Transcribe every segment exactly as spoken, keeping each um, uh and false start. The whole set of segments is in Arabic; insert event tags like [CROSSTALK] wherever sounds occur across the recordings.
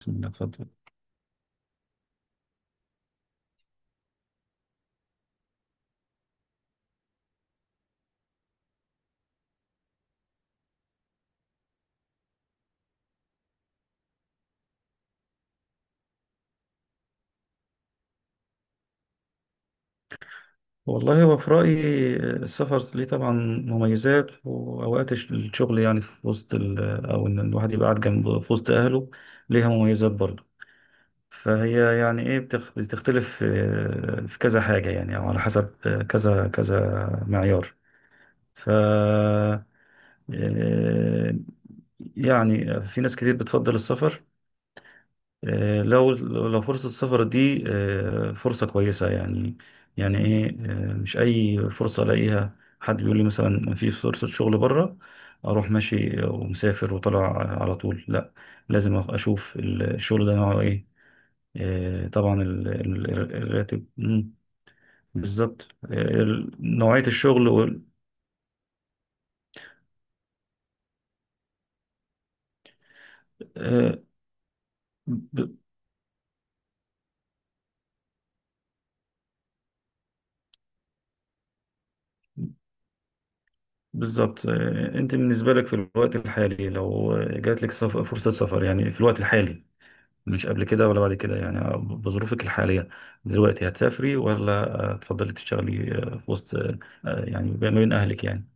بسم الله، اتفضل. والله هو في رأيي، آه، السفر ليه طبعا مميزات، وأوقات الش- الشغل يعني في وسط ال أو إن الواحد يبقى قاعد جنب في وسط أهله ليها مميزات برضه. فهي يعني إيه بتخ- بتختلف، آه، في كذا حاجة يعني، أو على حسب آه، كذا كذا معيار. ف آه، يعني في ناس كتير بتفضل السفر، آه، لو لو فرصة السفر دي آه، فرصة كويسة يعني. يعني ايه؟ آه، مش اي فرصة الاقيها حد بيقول لي مثلا في فرصة شغل بره اروح ماشي ومسافر وطلع على طول، لا. لازم اشوف الشغل ده نوعه ايه. آه، طبعا ال- ال- الراتب. مم، بالظبط. آه، ال- نوعية الشغل وال- آه، ب- بالظبط. آه، انت بالنسبة لك في الوقت الحالي، لو جات لك سف- فرصة سفر يعني، في الوقت الحالي، مش قبل كده ولا بعد كده، يعني بظروفك الحالية دلوقتي، هتسافري ولا آه، تفضلي تشتغلي آه، في وسط آه، آه، يعني ما بين أهلك يعني؟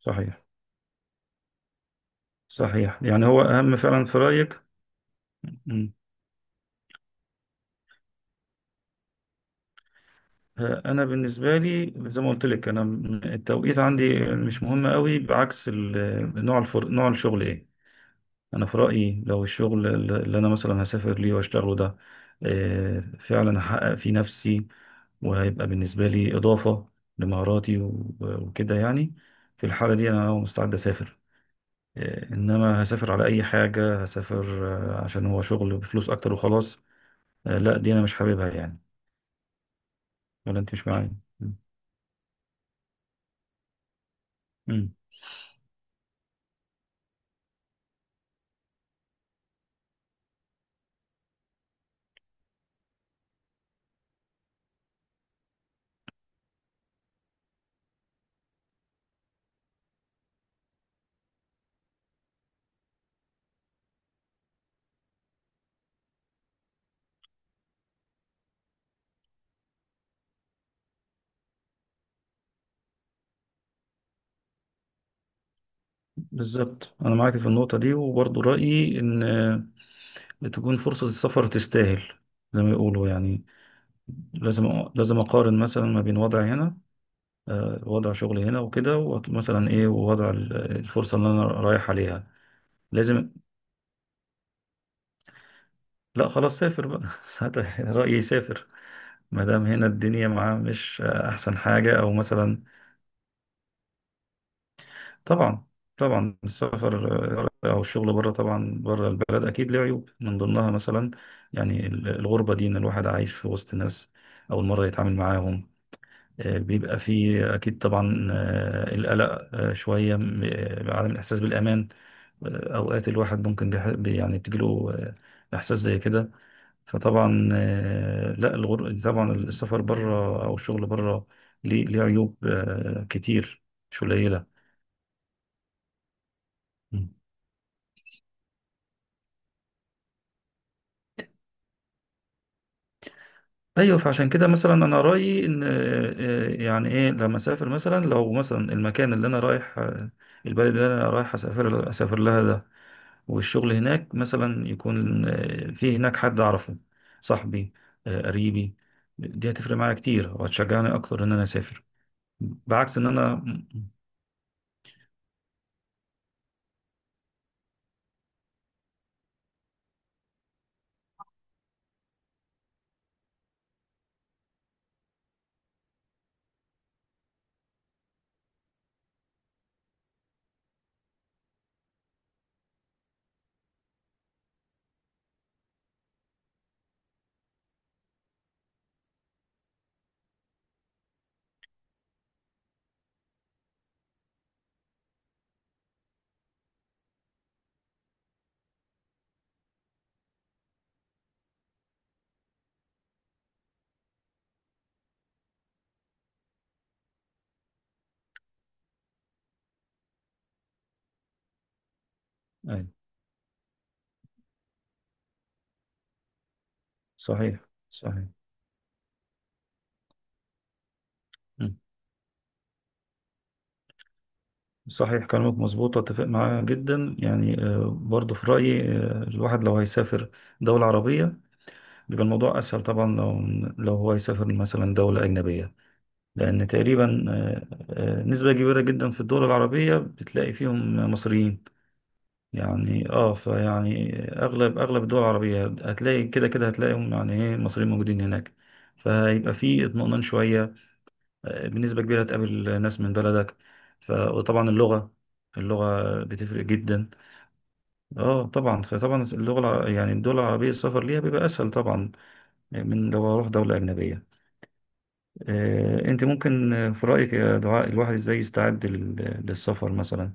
صحيح، صحيح. يعني هو أهم فعلا في رأيك. مم. آه، أنا بالنسبة لي، زي ما قلت لك، أنا م- التوقيت عندي مش مهم قوي، بعكس ال- نوع الفر... نوع الشغل إيه. انا في رايي لو الشغل اللي انا مثلا هسافر ليه واشتغله ده، آه، فعلا هحقق فيه نفسي، وهيبقى بالنسبه لي اضافه لمهاراتي و- وكده يعني. في الحاله دي انا مستعد اسافر. آه، انما هسافر على اي حاجه هسافر، آه، عشان هو شغل بفلوس اكتر وخلاص، آه، لا، دي انا مش حاببها يعني. ولا انت مش معايا؟ م. م. بالظبط. انا معاك في النقطه دي، وبرضو رايي ان آه، تكون فرصه السفر تستاهل، زي ما يقولوا يعني. لازم لازم اقارن مثلا ما بين وضعي هنا، آه، وضع شغلي هنا وكده، ومثلا ايه، ووضع ال- الفرصه اللي انا رايح عليها. لازم. لا خلاص، سافر بقى. [LAUGHS] ساعتها رايي سافر. ما دام هنا الدنيا معاه مش آه، احسن حاجه، او مثلا. طبعا. طبعا السفر، آه، او الشغل بره، طبعا بره البلد اكيد له عيوب، من ضمنها مثلا يعني ال- الغربه دي، ان الواحد عايش في وسط ناس اول مره يتعامل معاهم. آه، بيبقى فيه أكيد طبعا آه، القلق، آه، شوية م- آه، عدم الإحساس بالأمان. آه، أوقات الواحد ممكن بيح- بي- يعني بتجيله آه، إحساس زي كده. فطبعا آه، لا الغر... طبعا السفر بره أو الشغل بره ليه ليه عيوب آه، كتير، مش قليلة. مم. أيوه. فعشان كده مثلا أنا رأيي إن آه، آه، يعني إيه، لما أسافر مثلا، لو مثلا المكان اللي أنا رايح، آه، البلد اللي أنا رايح أسافر أسافر لها ده والشغل هناك مثلا، يكون آه، في هناك حد أعرفه، صاحبي، آه، قريبي. دي هتفرق معايا كتير وهتشجعني أكتر إن أنا أسافر، بعكس إن أنا م- م- أي. صحيح، صحيح. م. صحيح، كلامك مظبوط، أتفق معاه جدا يعني. آه، برضه في رأيي آه، الواحد لو هيسافر دولة عربية بيبقى الموضوع أسهل، طبعا لو لو هو يسافر مثلا دولة أجنبية. لأن تقريبا آه، آه، نسبة كبيرة جدا في الدول العربية بتلاقي فيهم مصريين. يعني اه، فيعني اغلب اغلب الدول العربية هتلاقي، كده كده هتلاقيهم، يعني ايه، المصريين موجودين هناك. فيبقى في اطمئنان شوية، آه، بنسبة كبيرة هتقابل ناس من بلدك. ف... وطبعا اللغة، اللغة بتفرق جدا. اه طبعا. فطبعا اللغة الع- يعني الدول العربية السفر ليها بيبقى اسهل طبعا، يعني من لو اروح دولة اجنبية. آه، انت ممكن آه، في رأيك يا دعاء، الواحد ازاي يستعد لل- للسفر مثلا؟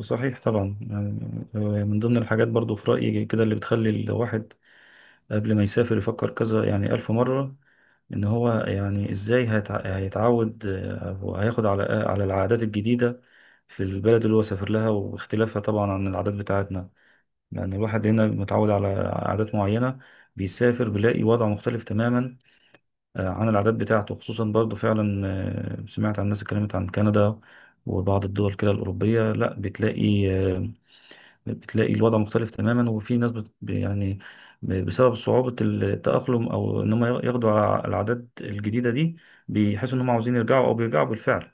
صحيح. طبعا يعني آه، من ضمن الحاجات برضو في رأيي كده اللي بتخلي الواحد قبل ما يسافر يفكر كذا، يعني ألف مرة، إن هو يعني إزاي هيتع- هيتعود آه، وهياخد على على العادات الجديدة في البلد اللي هو سافر لها، واختلافها طبعا عن العادات بتاعتنا. يعني الواحد هنا متعود على عادات معينة، بيسافر بيلاقي وضع مختلف تماما آه، عن العادات بتاعته. خصوصا برضو فعلا آه، سمعت عن الناس، اتكلمت عن كندا وبعض الدول كده الأوروبية، لا بتلاقي آه، بتلاقي الوضع مختلف تماما، وفي ناس بت ب- يعني ب- بسبب صعوبة التأقلم أو إن هم ياخدوا ع- العادات الجديدة دي، بيحسوا إن هم عاوزين يرجعوا، أو بيرجعوا بالفعل.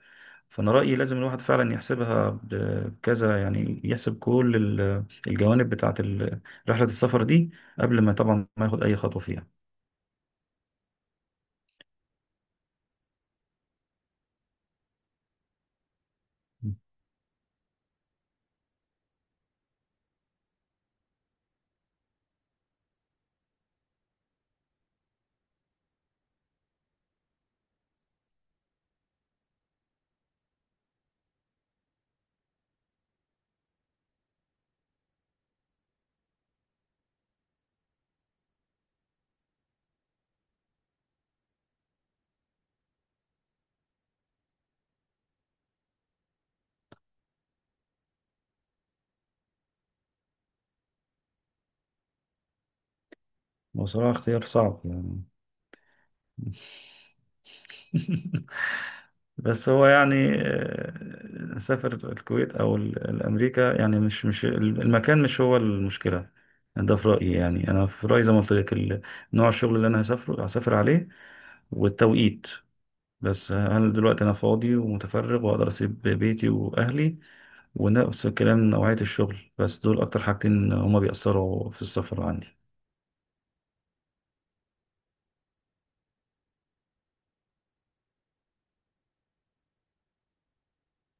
فأنا رأيي لازم الواحد فعلا يحسبها بكذا، يعني يحسب كل ال- الجوانب بتاعة ال- رحلة السفر دي قبل ما طبعا ما ياخد أي خطوة فيها. وصراحة اختيار صعب يعني. [LAUGHS] بس هو يعني آه، سافر الكويت او ال- الامريكا، يعني مش مش المكان مش هو المشكله ده، في رايي. يعني انا في رايي زي ما قلت لك ال- نوع الشغل اللي انا هسافره هسافر عليه، والتوقيت. بس هل دلوقتي انا فاضي ومتفرغ واقدر اسيب بيتي واهلي؟ ونفس الكلام نوعيه الشغل. بس دول اكتر حاجتين هما بيأثروا في السفر عندي.